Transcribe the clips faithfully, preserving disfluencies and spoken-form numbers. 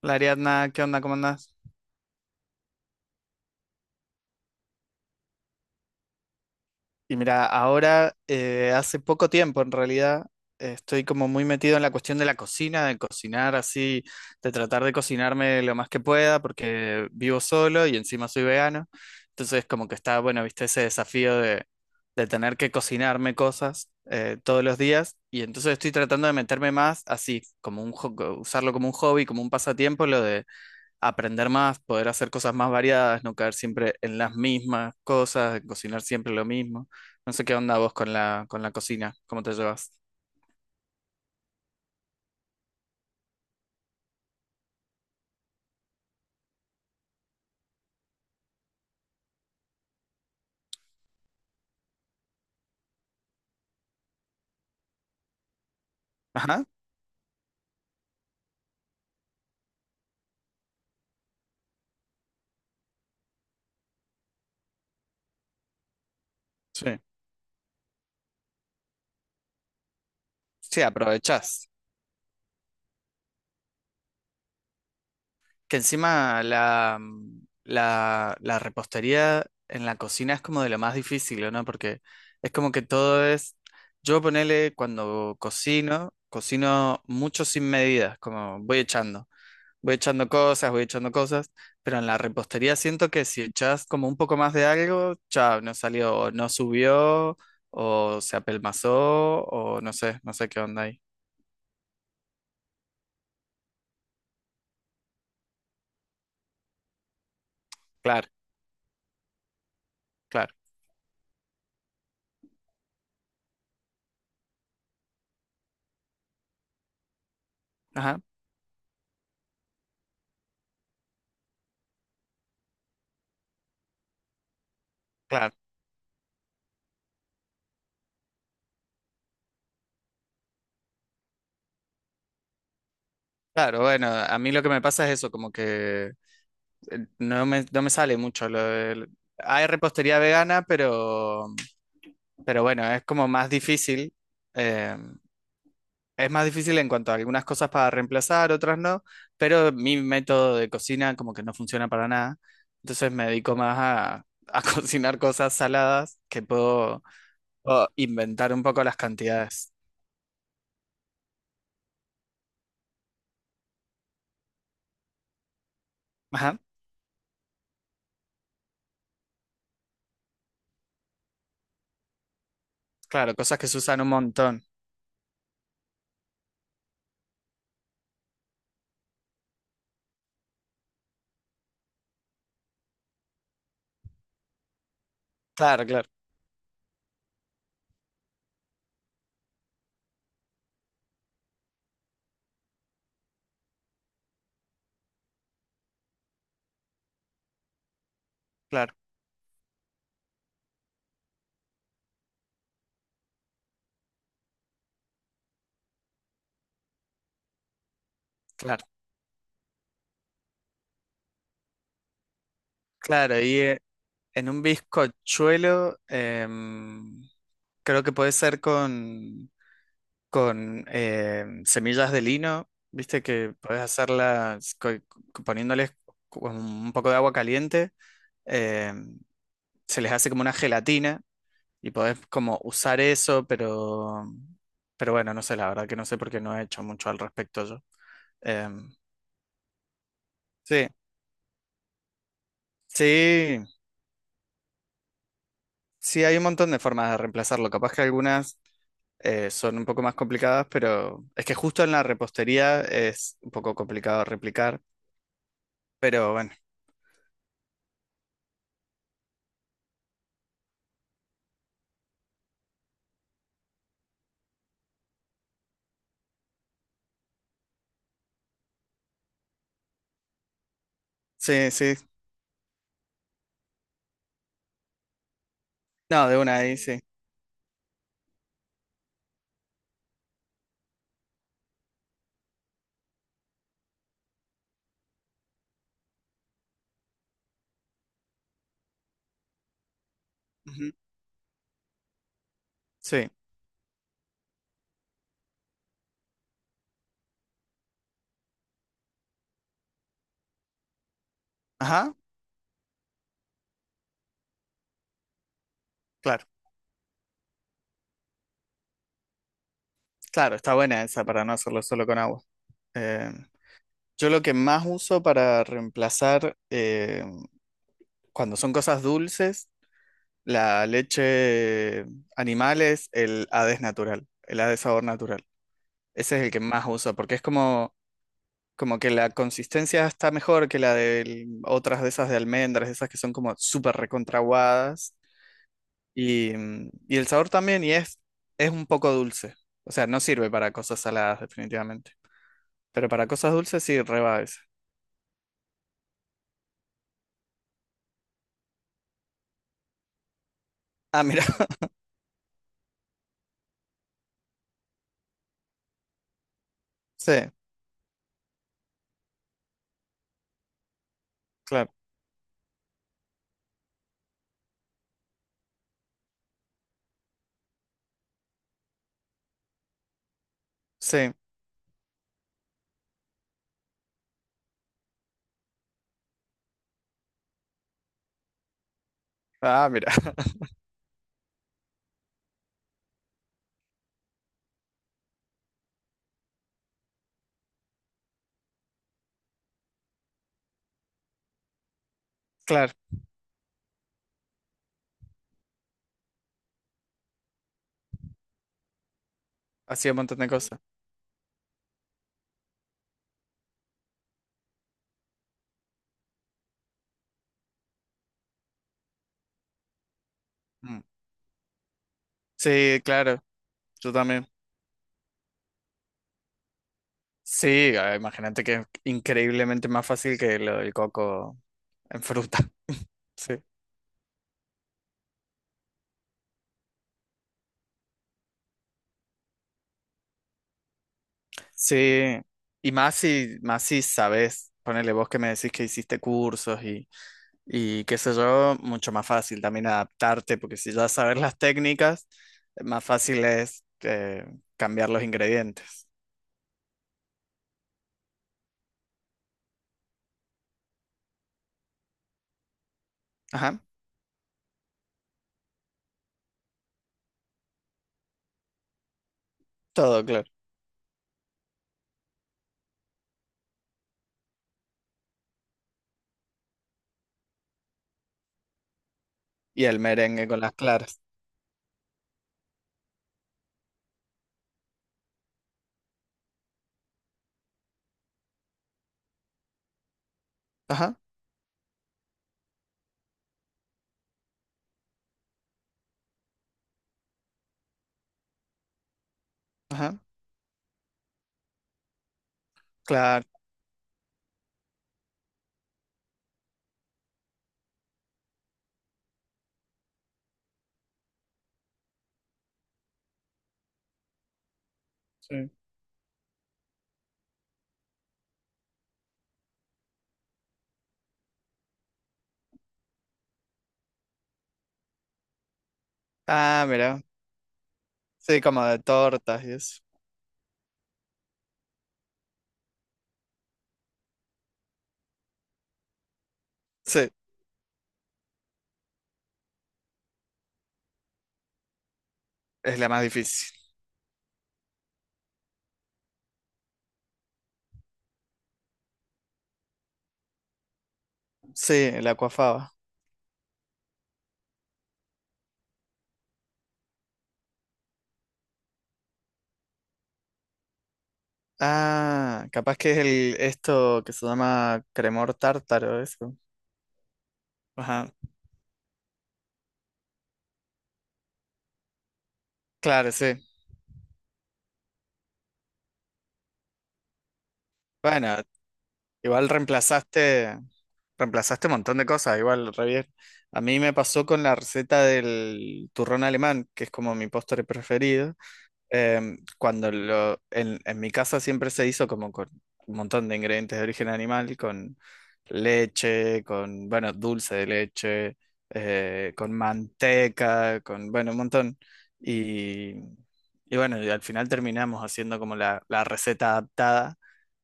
La Ariadna, ¿qué onda? ¿Cómo andás? Y mira, ahora eh, hace poco tiempo en realidad eh, estoy como muy metido en la cuestión de la cocina, de cocinar así, de tratar de cocinarme lo más que pueda porque vivo solo y encima soy vegano. Entonces como que está, bueno, viste ese desafío de, de tener que cocinarme cosas eh, todos los días y entonces estoy tratando de meterme más así, como un, jo- usarlo como un hobby, como un pasatiempo, lo de aprender más, poder hacer cosas más variadas, no caer siempre en las mismas cosas, cocinar siempre lo mismo. No sé qué onda vos con la, con la cocina, cómo te llevas. Ajá, sí. Sí, aprovechás. Que encima la, la, la repostería en la cocina es como de lo más difícil, ¿o no? Porque es como que todo es. Yo ponele cuando cocino, cocino mucho sin medidas, como voy echando. Voy echando cosas, voy echando cosas, pero en la repostería siento que si echas como un poco más de algo, chao, no salió, o no subió, o se apelmazó, o no sé, no sé qué onda ahí. Claro, claro, ajá, claro. Claro, bueno, a mí lo que me pasa es eso, como que eh, no me, no me sale mucho lo del- Hay repostería vegana, pero, pero bueno, es como más difícil. eh, Es más difícil en cuanto a algunas cosas para reemplazar, otras no, pero mi método de cocina como que no funciona para nada. Entonces me dedico más a, a cocinar cosas saladas que puedo, puedo inventar un poco las cantidades. Ajá, claro, cosas que se usan un montón. Claro, claro, claro, claro, claro. Y eh, en un bizcochuelo em, creo que puede ser con con eh, semillas de lino, viste que podés hacerlas co- co- poniéndoles como un poco de agua caliente, eh, se les hace como una gelatina y podés como usar eso, pero, pero bueno, no sé, la verdad que no sé porque no he hecho mucho al respecto yo. Em, sí, sí, sí, hay un montón de formas de reemplazarlo, capaz que algunas... eh, son un poco más complicadas, pero es que justo en la repostería es un poco complicado replicar, pero bueno. Sí, sí. No, de una ahí sí. Ujú. Sí. Ajá, claro. Claro, está buena esa para no hacerlo solo con agua. Eh, yo lo que más uso para reemplazar eh, cuando son cosas dulces, la leche animal es el ADES natural, el ADES sabor natural. Ese es el que más uso porque es como, como que la consistencia está mejor que la de otras de esas de almendras, esas que son como súper recontraguadas. Y, mm, y el sabor también, y es, es un poco dulce. O sea, no sirve para cosas saladas, definitivamente. Pero para cosas dulces sí, reba esa. Ah, mira. Sí, claro. Sí. Ah, mira. Claro. Hacía un montón de cosas. Mm. Sí, claro. Yo también. Sí, ah, imagínate que es increíblemente más fácil que lo del coco en fruta. Sí. Sí. Y más si, más si sabes, ponele vos que me decís que hiciste cursos y Y qué sé yo, mucho más fácil también adaptarte, porque si ya sabes las técnicas, más fácil es eh, cambiar los ingredientes. Ajá, todo claro. Y el merengue con las claras. Ajá, ajá, claro. Sí. Ah, mira. Sí, como de tortas y eso. Sí, es la más difícil. Sí, el aquafaba. Ah, capaz que es el esto que se llama cremor tártaro, eso. Ajá, claro, sí. Bueno, igual reemplazaste. Reemplazaste un montón de cosas, igual, re bien. A mí me pasó con la receta del turrón alemán, que es como mi postre preferido. Em, cuando lo, en, en mi casa siempre se hizo como con un montón de ingredientes de origen animal, con leche, con, bueno, dulce de leche, eh, con manteca, con, bueno, un montón. Y, y bueno, y al final terminamos haciendo como la, la receta adaptada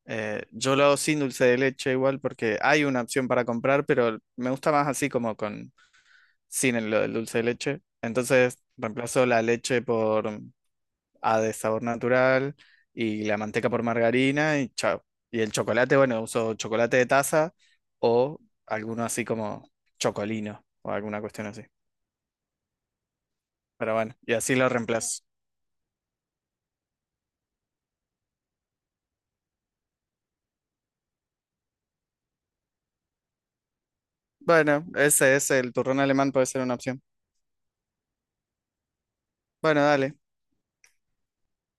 eh, yo lo hago sin dulce de leche igual porque hay una opción para comprar, pero me gusta más así como con sin el- lo del dulce de leche. Entonces reemplazo la leche por A de sabor natural y la manteca por margarina y chao. Y el chocolate, bueno, uso chocolate de taza o alguno así como chocolino o alguna cuestión así. Pero bueno, y así lo reemplazo. Bueno, ese es el turrón alemán, puede ser una opción. Bueno, dale.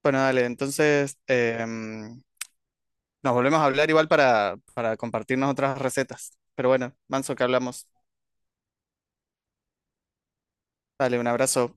Bueno, dale. Entonces, eh, nos volvemos a hablar igual para, para compartirnos otras recetas. Pero bueno, Manso, que hablamos. Dale, un abrazo.